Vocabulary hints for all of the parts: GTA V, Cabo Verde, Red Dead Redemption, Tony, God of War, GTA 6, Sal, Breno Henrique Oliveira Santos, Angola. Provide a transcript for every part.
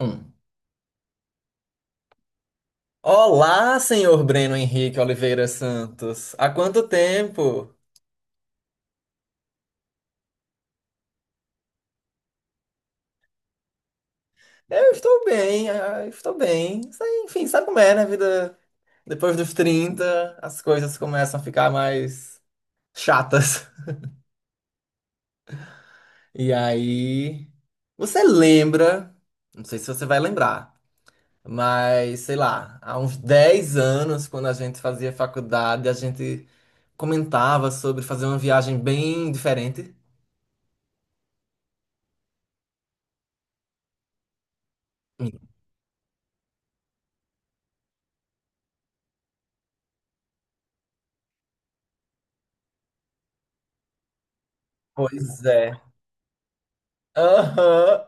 Hum. Olá, senhor Breno Henrique Oliveira Santos. Há quanto tempo? Eu estou bem, ah, estou bem. Isso aí, enfim, sabe como é, né? Vida depois dos 30, as coisas começam a ficar mais chatas. E aí, você lembra, não sei se você vai lembrar, mas sei lá, há uns 10 anos, quando a gente fazia faculdade, a gente comentava sobre fazer uma viagem bem diferente. Pois é. Aham.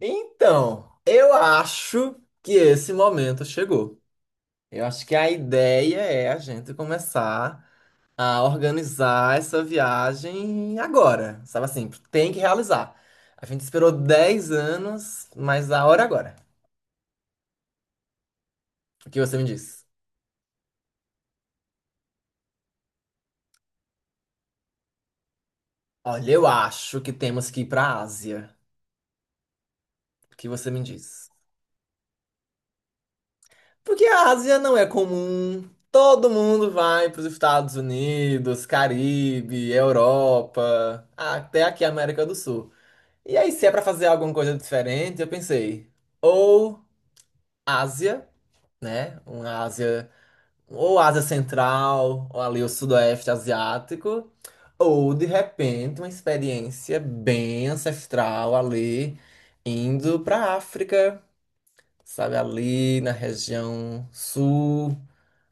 Então, eu acho que esse momento chegou. Eu acho que a ideia é a gente começar a organizar essa viagem agora, sabe assim, tem que realizar. A gente esperou 10 anos, mas a hora é agora. O que você me diz? Olha, eu acho que temos que ir para a Ásia. O que você me diz? Porque a Ásia não é comum. Todo mundo vai para os Estados Unidos, Caribe, Europa, até aqui a América do Sul. E aí, se é pra fazer alguma coisa diferente, eu pensei, ou Ásia, né? Uma Ásia, ou Ásia Central, ou ali o Sudoeste Asiático, ou de repente uma experiência bem ancestral ali, indo pra África, sabe? Ali na região sul,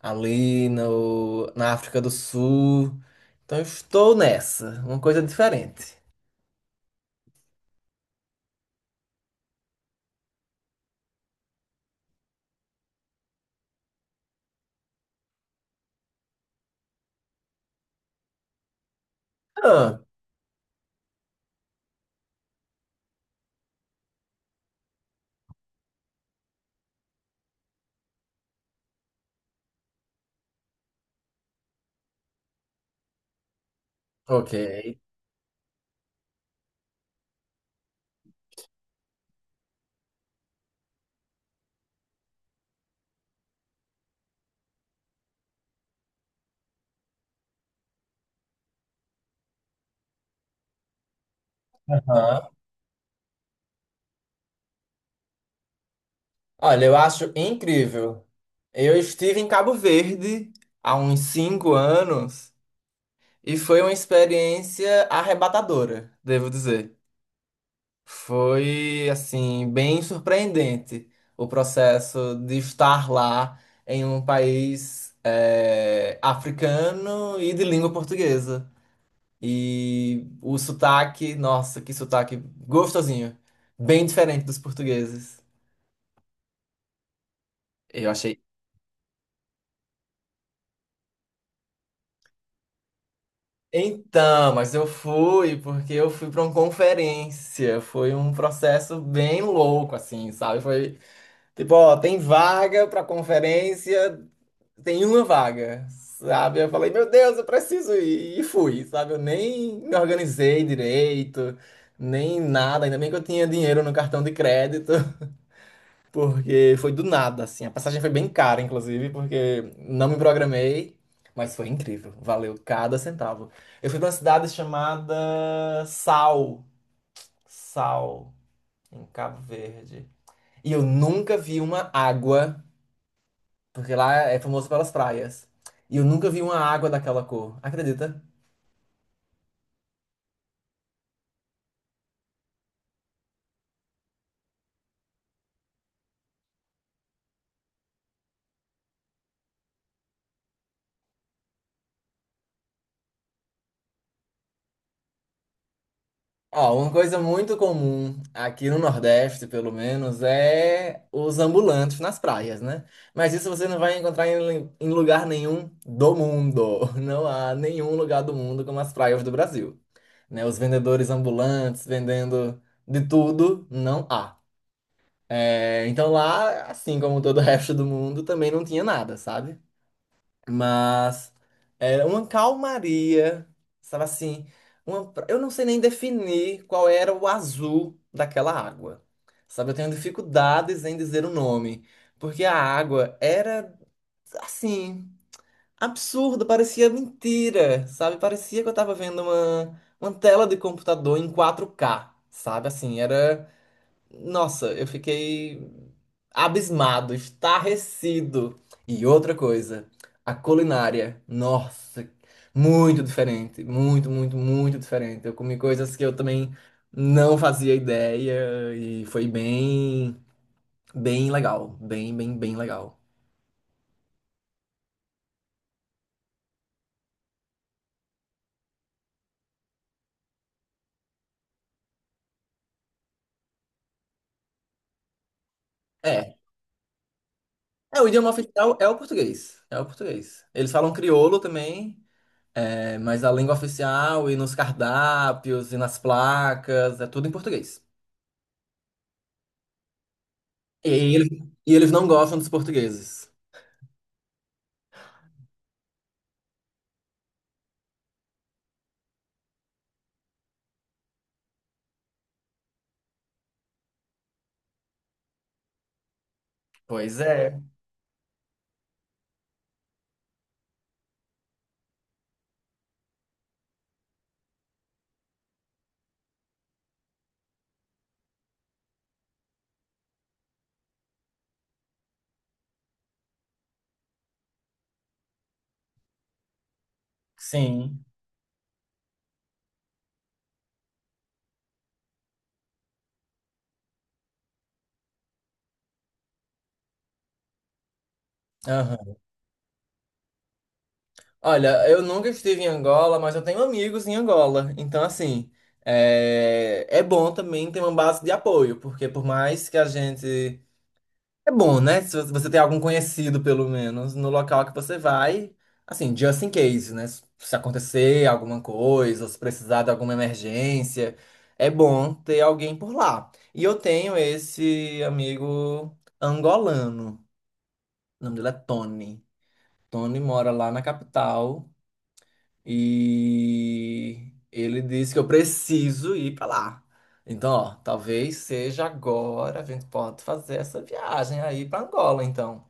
ali no, na África do Sul. Então, eu estou nessa, uma coisa diferente. Ah, ok. Aham. Olha, eu acho incrível. Eu estive em Cabo Verde há uns 5 anos e foi uma experiência arrebatadora, devo dizer. Foi, assim, bem surpreendente o processo de estar lá em um país africano e de língua portuguesa. E o sotaque, nossa, que sotaque gostosinho, bem diferente dos portugueses. Eu achei. Então, mas eu fui porque eu fui para uma conferência. Foi um processo bem louco, assim, sabe? Foi tipo, ó, tem vaga para conferência, tem uma vaga, sabe? Eu falei, meu Deus, eu preciso ir. E fui, sabe? Eu nem me organizei direito, nem nada. Ainda bem que eu tinha dinheiro no cartão de crédito. Porque foi do nada, assim. A passagem foi bem cara, inclusive, porque não me programei, mas foi incrível. Valeu cada centavo. Eu fui pra uma cidade chamada Sal. Sal, em Cabo Verde. E eu nunca vi uma água, porque lá é famoso pelas praias. E eu nunca vi uma água daquela cor. Acredita? Ó, uma coisa muito comum aqui no Nordeste, pelo menos, é os ambulantes nas praias, né? Mas isso você não vai encontrar em lugar nenhum do mundo. Não há nenhum lugar do mundo como as praias do Brasil. Né? Os vendedores ambulantes vendendo de tudo, não há. É, então lá, assim como todo o resto do mundo, também não tinha nada, sabe? Mas era uma calmaria, sabe assim? Eu não sei nem definir qual era o azul daquela água, sabe? Eu tenho dificuldades em dizer o nome, porque a água era, assim, absurda, parecia mentira, sabe? Parecia que eu tava vendo uma tela de computador em 4K, sabe? Assim, era. Nossa, eu fiquei abismado, estarrecido. E outra coisa, a culinária. Nossa, muito diferente, muito, muito, muito diferente. Eu comi coisas que eu também não fazia ideia e foi bem, bem legal, bem, bem, bem legal. É, é, o idioma oficial é o português, é o português. Eles falam crioulo também, é, mas a língua oficial e nos cardápios e nas placas é tudo em português. E eles, e eles não gostam dos portugueses. Pois é, sim. Aham. Olha, eu nunca estive em Angola, mas eu tenho amigos em Angola. Então, assim, é bom também ter uma base de apoio, porque por mais que a gente. É bom, né? Se você tem algum conhecido, pelo menos, no local que você vai, assim, just in case, né? Se acontecer alguma coisa, ou se precisar de alguma emergência, é bom ter alguém por lá. E eu tenho esse amigo angolano. O nome dele é Tony. Tony mora lá na capital e ele disse que eu preciso ir pra lá. Então, ó, talvez seja agora a gente pode fazer essa viagem aí pra Angola, então.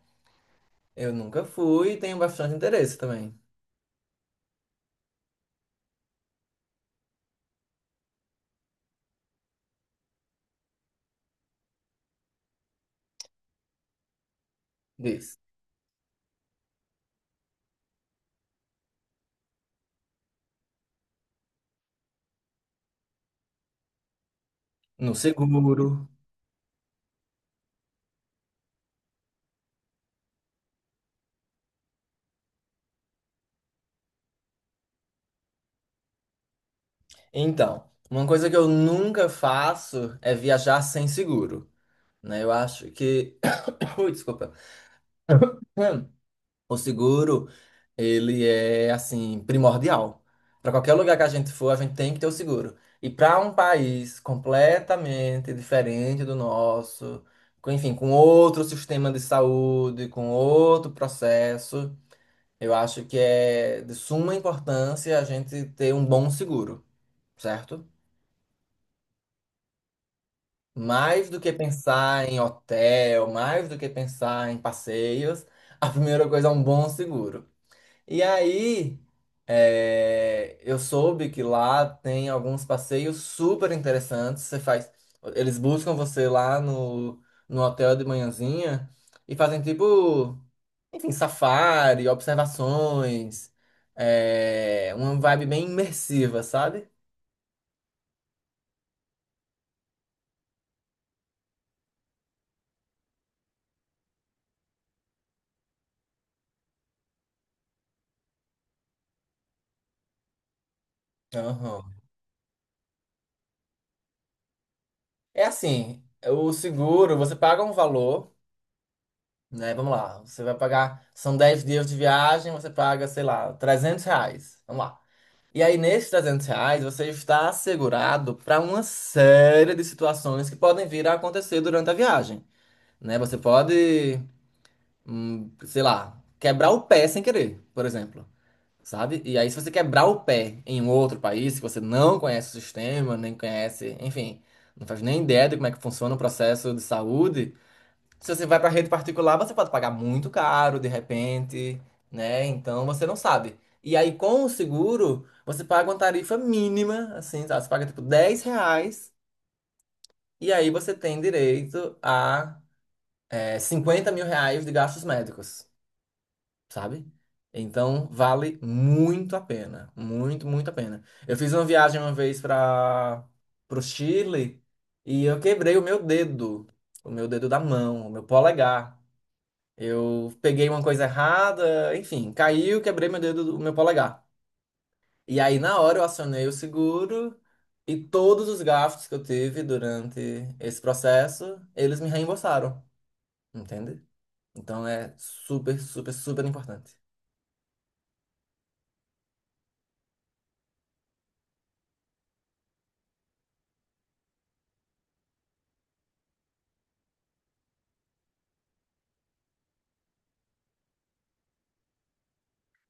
Eu nunca fui e tenho bastante interesse também. Diz. No seguro. Então, uma coisa que eu nunca faço é viajar sem seguro, né? Eu acho que ui, desculpa. Hum. O seguro, ele é assim primordial. Para qualquer lugar que a gente for, a gente tem que ter o seguro. E para um país completamente diferente do nosso, com, enfim, com outro sistema de saúde, com outro processo, eu acho que é de suma importância a gente ter um bom seguro, certo? Mais do que pensar em hotel, mais do que pensar em passeios, a primeira coisa é um bom seguro. E aí, eu soube que lá tem alguns passeios super interessantes. Você faz, eles buscam você lá no hotel de manhãzinha e fazem tipo, enfim, safari, observações, uma vibe bem imersiva, sabe? Aham. É assim, o seguro, você paga um valor, né? Vamos lá, você vai pagar, são 10 dias de viagem, você paga, sei lá, R$ 300. Vamos lá. E aí, nesses R$ 300, você está assegurado para uma série de situações que podem vir a acontecer durante a viagem, né? Você pode, sei lá, quebrar o pé sem querer, por exemplo, sabe? E aí, se você quebrar o pé em um outro país, que você não conhece o sistema, nem conhece, enfim, não faz nem ideia de como é que funciona o processo de saúde, se você vai para rede particular, você pode pagar muito caro de repente, né? Então você não sabe. E aí com o seguro, você paga uma tarifa mínima, assim, sabe? Você paga tipo R$ 10 e aí você tem direito a 50 mil reais de gastos médicos, sabe? Então vale muito a pena, muito, muito a pena. Eu fiz uma viagem uma vez para o Chile e eu quebrei o meu dedo da mão, o meu polegar. Eu peguei uma coisa errada, enfim, caiu, quebrei meu dedo, o meu polegar. E aí, na hora, eu acionei o seguro e todos os gastos que eu tive durante esse processo, eles me reembolsaram, entende? Então é super, super, super importante.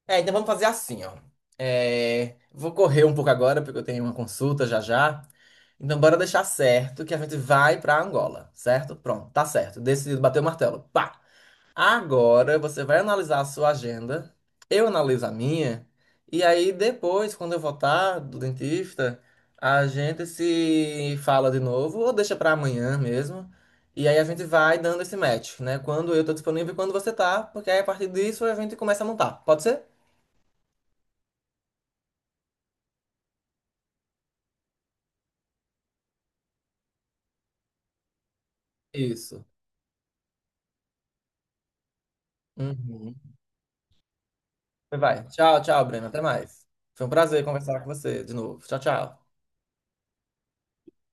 É, então vamos fazer assim, ó. É, vou correr um pouco agora, porque eu tenho uma consulta já já. Então, bora deixar certo que a gente vai pra Angola, certo? Pronto, tá certo. Decidido, bateu o martelo. Pá! Agora você vai analisar a sua agenda, eu analiso a minha, e aí depois, quando eu voltar do dentista, a gente se fala de novo ou deixa pra amanhã mesmo. E aí a gente vai dando esse match, né? Quando eu tô disponível e quando você tá, porque aí a partir disso a gente começa a montar. Pode ser? Isso. Uhum. Vai. Tchau, tchau, Breno. Até mais. Foi um prazer conversar com você de novo. Tchau, tchau.